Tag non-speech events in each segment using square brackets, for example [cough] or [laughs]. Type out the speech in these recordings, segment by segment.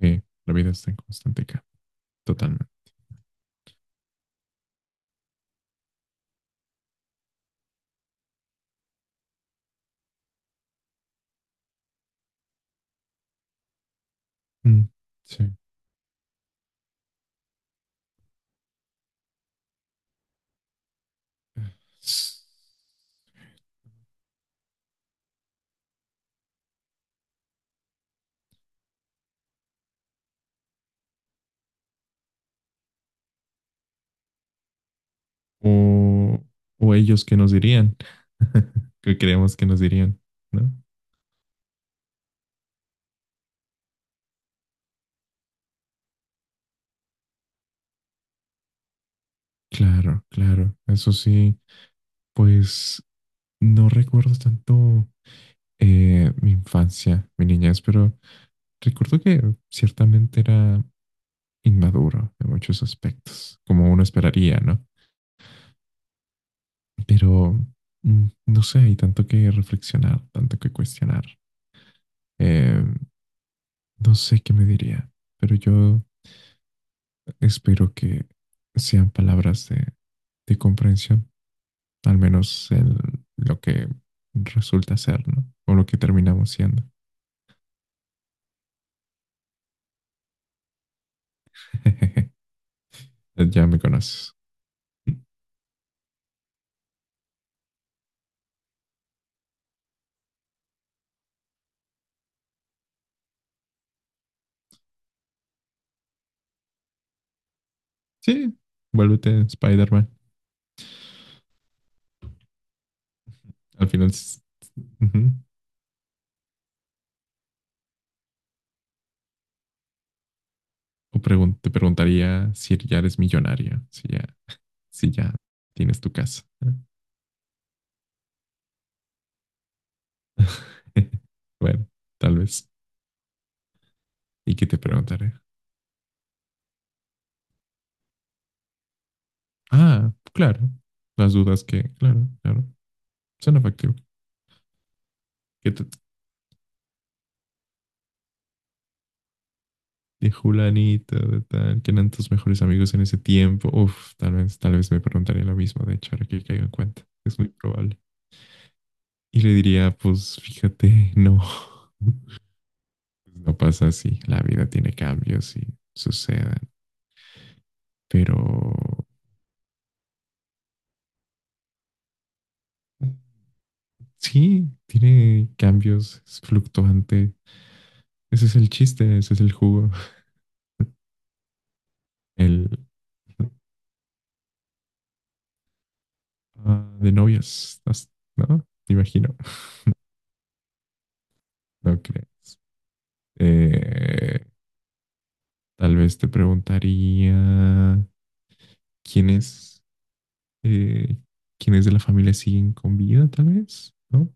Sí, la vida está en constante cambio, totalmente. Mm, sí. O, o ellos que nos dirían, [laughs] que creemos que nos dirían, ¿no? Claro, claro, eso sí, pues no recuerdo tanto mi infancia, mi niñez, pero recuerdo que ciertamente era inmaduro en muchos aspectos, como uno esperaría, ¿no? Pero no sé, hay tanto que reflexionar, tanto que cuestionar. Eh, No sé qué me diría, pero yo espero que sean palabras de comprensión, al menos en lo que resulta ser, ¿no? O lo que terminamos siendo. [laughs] Ya me conoces. Sí, vuélvete Spider-Man. Al final, s- Ujú. Te preguntaría si ya eres millonario, si ya tienes tu casa. [laughs] Bueno, tal vez. ¿Y qué te preguntaré? Ah, claro. Las dudas que, claro, claro. Suena factible. Que te- de Julanito, de tal, que eran tus mejores amigos en ese tiempo. Uf, tal vez me preguntaría lo mismo, de hecho, ahora que caigo en cuenta. Es muy probable. Y le diría, pues fíjate, no. [laughs] Pues no pasa así. La vida tiene cambios y suceden. Pero sí, tiene cambios, es fluctuante. Ese es el chiste, ese es el jugo. El de novias, ¿no? Me imagino. No creas. Eh, Tal vez te preguntaría quiénes, eh, quiénes de la familia siguen con vida, tal vez, ¿no?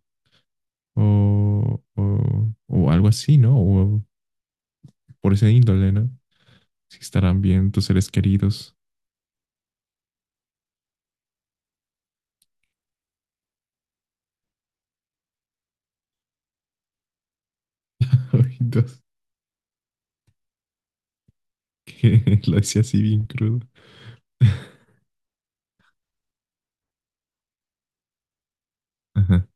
O algo así, ¿no? O por ese índole, ¿no? Si estarán bien tus seres queridos. [laughs] Ay, Dios, que [laughs] lo decía así bien crudo. [laughs] Ajá.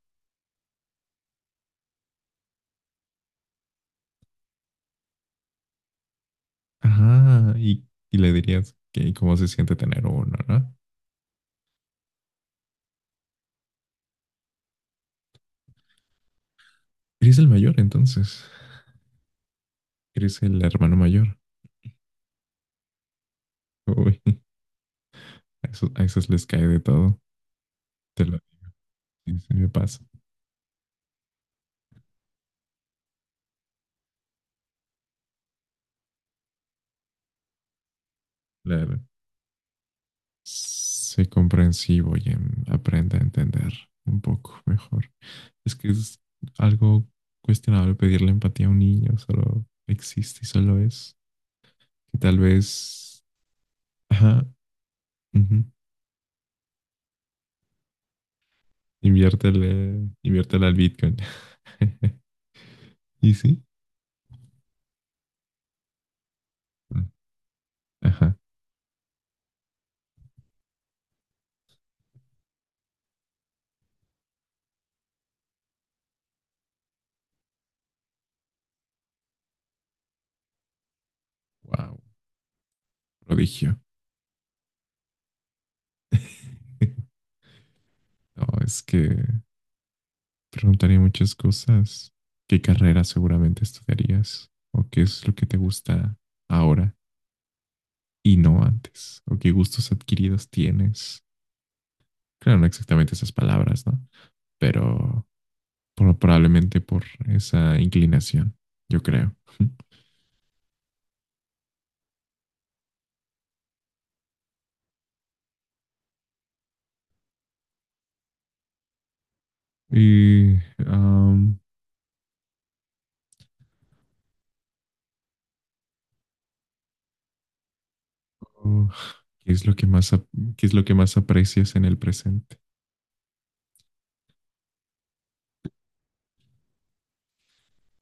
Ajá, y le dirías que cómo se siente tener uno, ¿no? Eres el mayor, entonces. Eres el hermano mayor. Uy, a esos les cae de todo. Te lo, sí, sí me pasa. Claro. Sé comprensivo y aprende a entender un poco mejor. Es que es algo cuestionable pedirle empatía a un niño, solo existe y solo es. Y tal vez, ajá, ujú, inviértele al Bitcoin. [laughs] ¿Y sí? Mm, ajá, wow, prodigio. [laughs] No, es que preguntaría muchas cosas. ¿Qué carrera seguramente estudiarías? ¿O qué es lo que te gusta ahora y no antes, o qué gustos adquiridos tienes? Claro, no exactamente esas palabras, ¿no? Pero probablemente por esa inclinación, yo creo. Y, um, oh, ¿qué, es lo que más, ¿Qué es lo que más aprecias en el presente?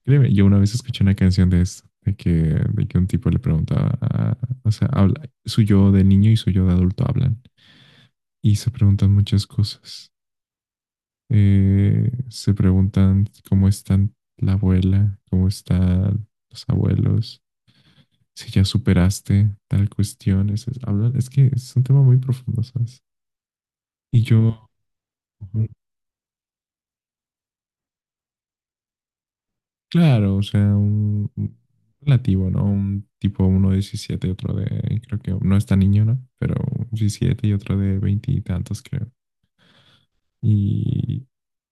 Créeme, yo una vez escuché una canción de esto, de que un tipo le preguntaba, o sea, habla, su yo de niño y su yo de adulto hablan y se preguntan muchas cosas. Se preguntan cómo están la abuela, cómo están los abuelos, si ya superaste tal cuestión. Es que es un tema muy profundo, ¿sabes? Y yo, ujú, claro, o sea, un relativo, ¿no? Un tipo, uno de 17, otro de, creo que no es tan niño, ¿no? Pero 17 y otro de 20 y tantos, creo. Y,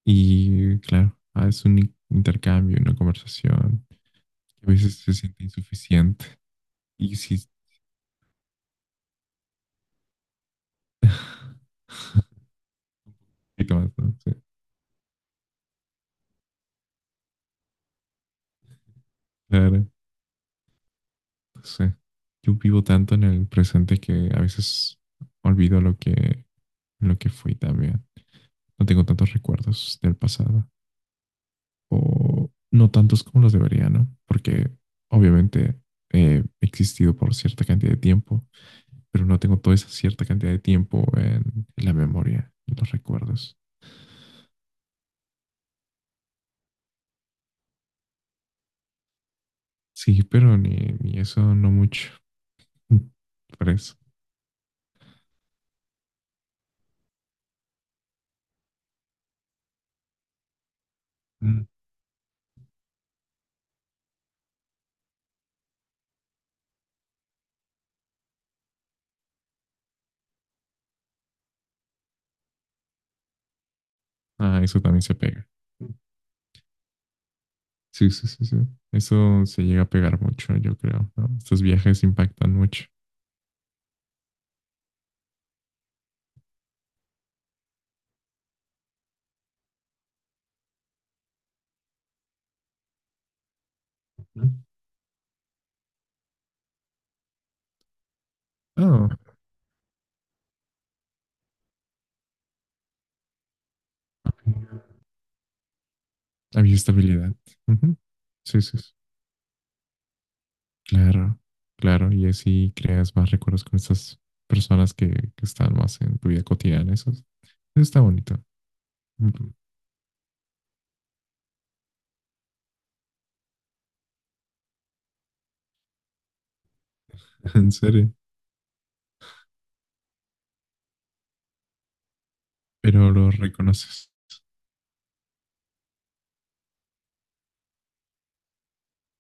y claro, es un intercambio, una conversación que a veces se siente insuficiente. Y si [laughs] poquito más, ¿no? Sí, claro, sí. Yo vivo tanto en el presente que a veces olvido lo que fui también. No tengo tantos recuerdos del pasado o no tantos como los debería, ¿no? Porque obviamente he existido por cierta cantidad de tiempo, pero no tengo toda esa cierta cantidad de tiempo en la memoria, en los recuerdos. Sí, pero ni eso no mucho. [laughs] Por eso. Mm. Ah, eso también se pega. Sí, sí, sí, sí. Eso se llega a pegar mucho, yo creo, ¿no? Estos viajes impactan mucho. Ujú. ah Había estabilidad. Ujú. Sí, sí, sí. Claro, claro. Y así creas más recuerdos con estas personas que están más en tu vida cotidiana. Eso está bonito. Ujú. [laughs] En serio. Pero los reconoces.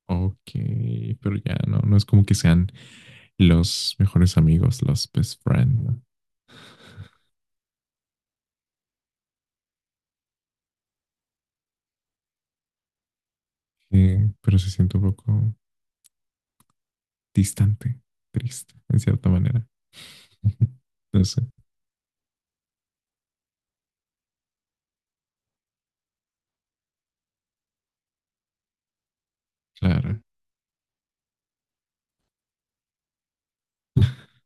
Ok, pero ya no, no es como que sean los mejores amigos, los best friends, ¿no? Pero se siente un poco distante, triste, en cierta manera. [laughs] No sé, claro. [laughs]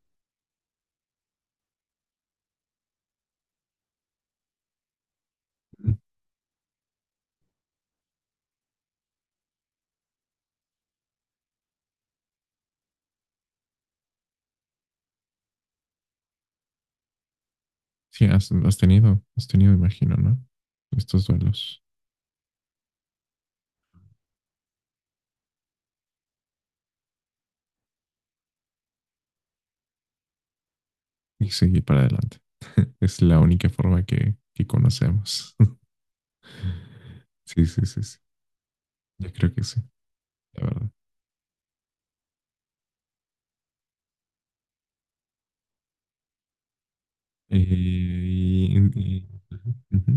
Sí, has tenido, has tenido, imagino, ¿no? Estos duelos y seguir para adelante. [laughs] Es la única forma que conocemos. [laughs] Sí, sí, sí, sí. Yo creo que sí, la verdad. Eh, y, y-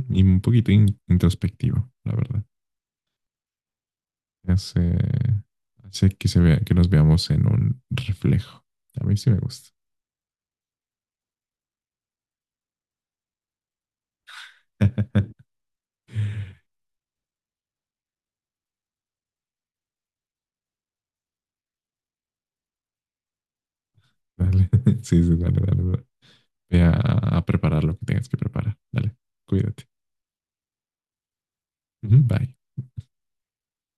y un poquito introspectivo, la verdad. Hace, hace que se vea, que nos veamos en un reflejo. A mí sí me gusta. [laughs] Dale. [laughs] Sí, sí, dale, dale, dale. Ve a preparar lo que tengas que preparar. Dale, cuídate. Ujú, Bye.